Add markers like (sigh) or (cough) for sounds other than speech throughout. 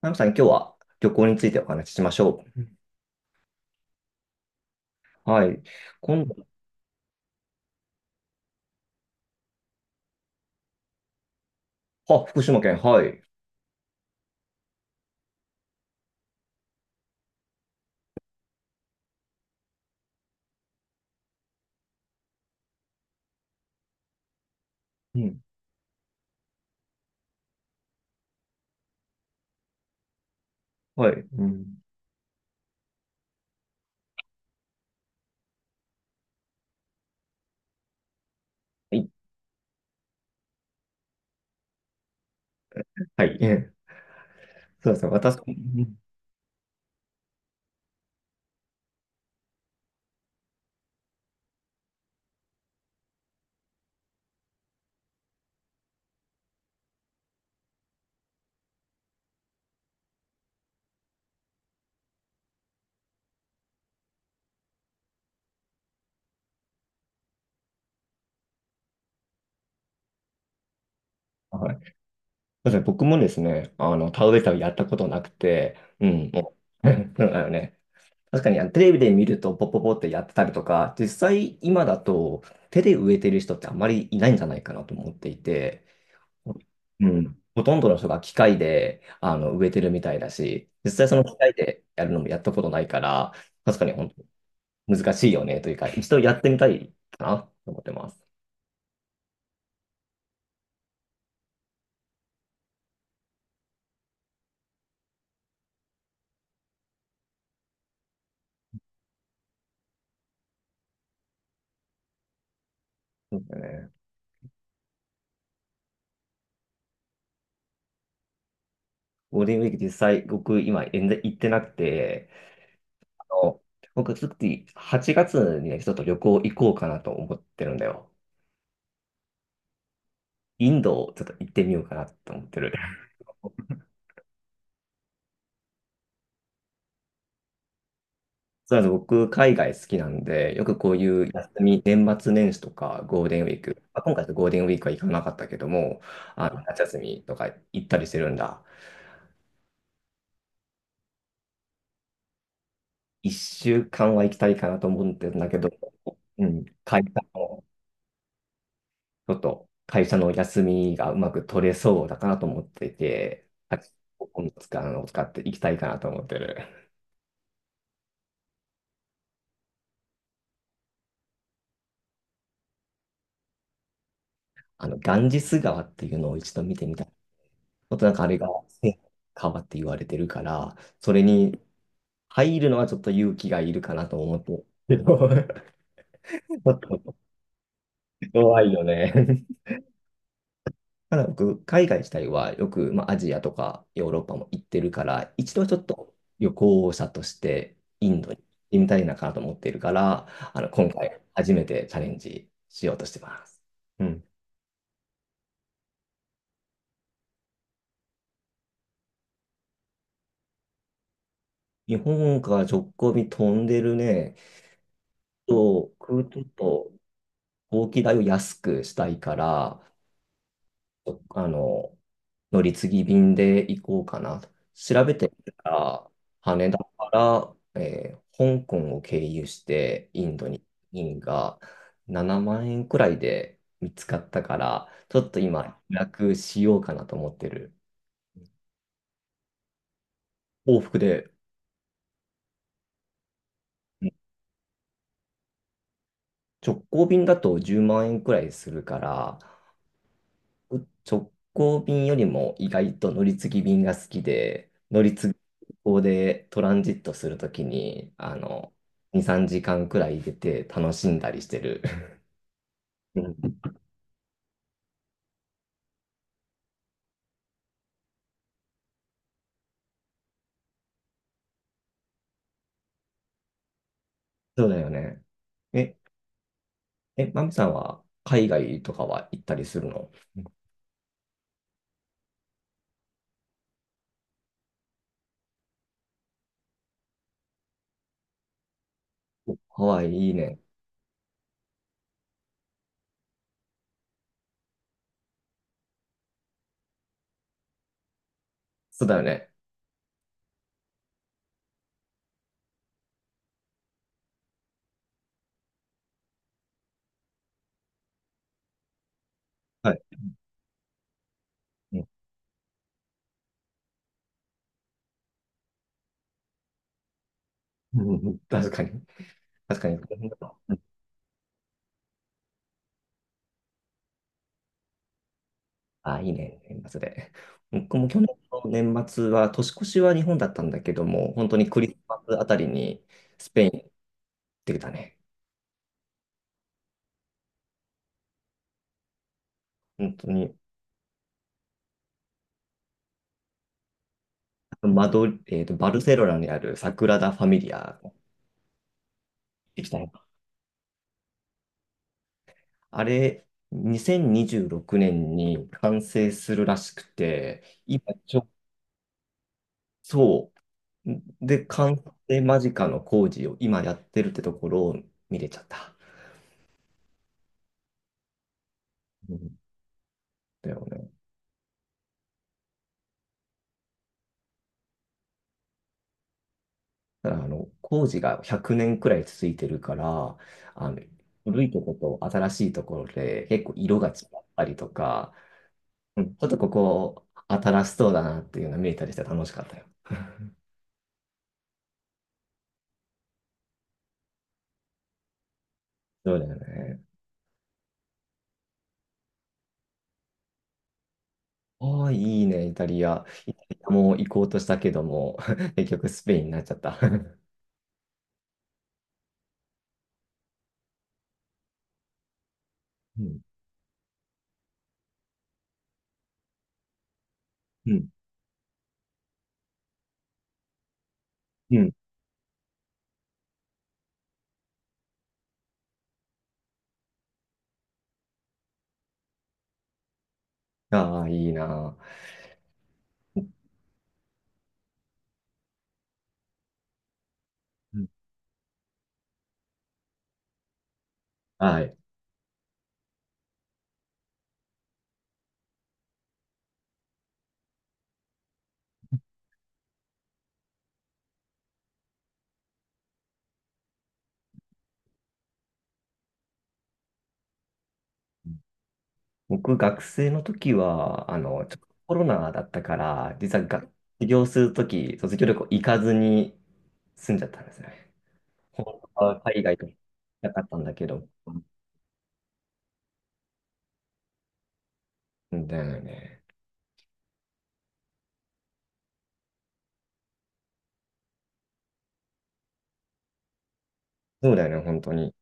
ナムさん、今日は旅行についてお話ししましょう。はい。今度、あ、福島県、はい。うん。はい。うん。はい。はい。ええ、そうですね。私、はい。そうですね。僕もですね、田植え旅やったことなくて、うん。もう (laughs) うん(laughs) ね、確かにあのテレビで見るとポポポってやってたりとか、実際今だと手で植えてる人ってあんまりいないんじゃないかなと思っていて、うん。ほとんどの人が機械で、植えてるみたいだし、実際その機械でやるのもやったことないから、確かに本当難しいよねというか、一度やってみたいかなと思ってます。そうだね。ゴールデンウィーク実際僕今全然行ってなくて、あの、僕ちょっと8月にね、ちょっと旅行行こうかなと思ってるんだよ。インドをちょっと行ってみようかなと思ってる。そうなんです。僕、海外好きなんで、よくこういう休み、年末年始とかゴールデンウィーク、まあ、今回のゴールデンウィークは行かなかったけども、あの夏休みとか行ったりしてるんだ。1週間は行きたいかなと思ってるんだけど、うん、会社の、ちょっと会社の休みがうまく取れそうだかなと思っていて、今度使うのを使って行きたいかなと思ってる。あの、ガンジス川っていうのを一度見てみたい。ちょっとなんかあれが川って言われてるから、それに、入るのはちょっと勇気がいるかなと思って。けど (laughs) ちょっと弱いよね。(laughs) ただ僕、海外自体はよく、まあ、アジアとかヨーロッパも行ってるから、一度ちょっと旅行者としてインドに行ってみたいなかなと思っているから、今回初めてチャレンジしようとしてます。うん。日本から直行便飛んでるね、と空港と飛行機代を安くしたいから、あの、乗り継ぎ便で行こうかなと。調べてみたら、羽田から、香港を経由してインドに、便が7万円くらいで見つかったから、ちょっと今、予約しようかなと思ってる。往復で、うん直行便だと10万円くらいするから、直行便よりも意外と乗り継ぎ便が好きで、乗り継ぎ便でトランジットするときに、2、3時間くらい出て楽しんだりしてる。(laughs) うん、そうだよね。え、マミさんは海外とかは行ったりするの？ハワイいいね。そうだよね。はい。うんうん、うん確かに。確かに。この辺だとあ、いいね。年末で。僕も去年の年末は、年越しは日本だったんだけども、本当にクリスマスあたりに、スペインってたね。本当に、マドリえーと、バルセロナにあるサグラダ・ファミリアできたね。あれ、2026年にじゅうろくねんに完成するらしくて、今ちょ、そう。で、完成間近の工事を今やってるってところを見れちゃった。うんだよね。だからあの、工事が100年くねんくらい続いてるから、あの、古いとこと新しいところで結構色が違ったりとか、うん、ちょっとここ新しそうだなっていうの見えたりして楽しかったよ。(laughs) そうだよね。ああ、いいね、イタリア。イタリアも行こうとしたけども、(laughs) 結局スペインになっちゃった。(laughs) うん、うん、うん。ああ、いいな。うん、はい。僕、学生の時は、ちょっとコロナだったから、実はが卒業する時、卒業旅行行かずに住んじゃったんですね。本当は海外と行きたかったんだけど、うんだよね。そうだよね、本当に。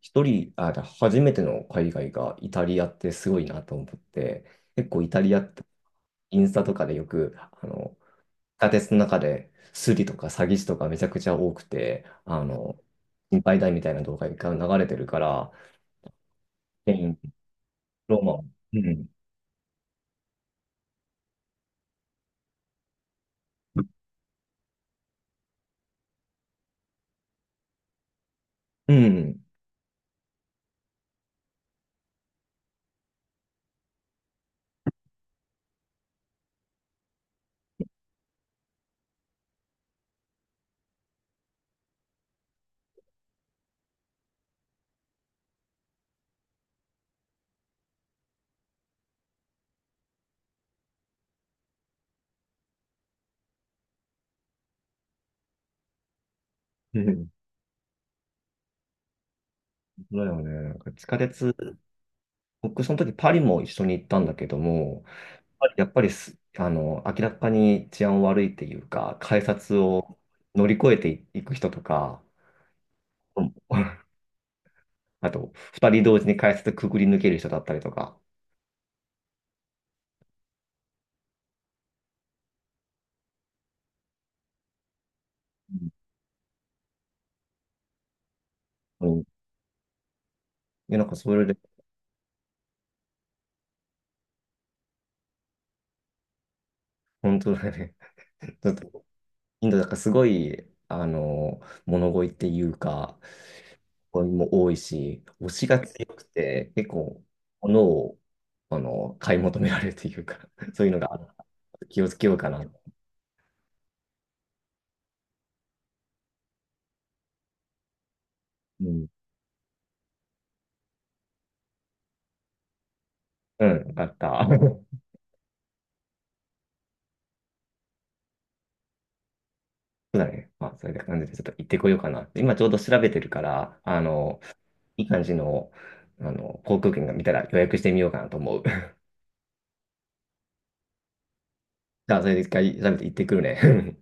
一人、あ、初めての海外がイタリアってすごいなと思って、結構イタリアってインスタとかでよく、地下鉄の中でスリとか詐欺師とかめちゃくちゃ多くて、心配だみたいな動画が流れてるから、スペインローマ、うん、うん、うん、そうだよね。なんか地下鉄、僕その時パリも一緒に行ったんだけども、やっぱりす、あの、明らかに治安悪いっていうか、改札を乗り越えていく人とか、うん (laughs) あと、二人同時に改札くぐり抜ける人だったりとか、うん。いや、なんかそれで、本当だね。(laughs) ちょっと、インドだからすごい、物乞いっていうか、物乞いも多いし、推しが強くて、結構、物を、あの、買い求められるというか、(laughs) そういうのが気をつけようかな。うん。うん、よかった。そうだね。まあ、そういう感じでちょっと行ってこようかな、今ちょうど調べてるから、あの、いい感じの、あの、航空券が見たら予約してみようかなと思う。(laughs) じゃあ、それで一回調べて行ってくるね。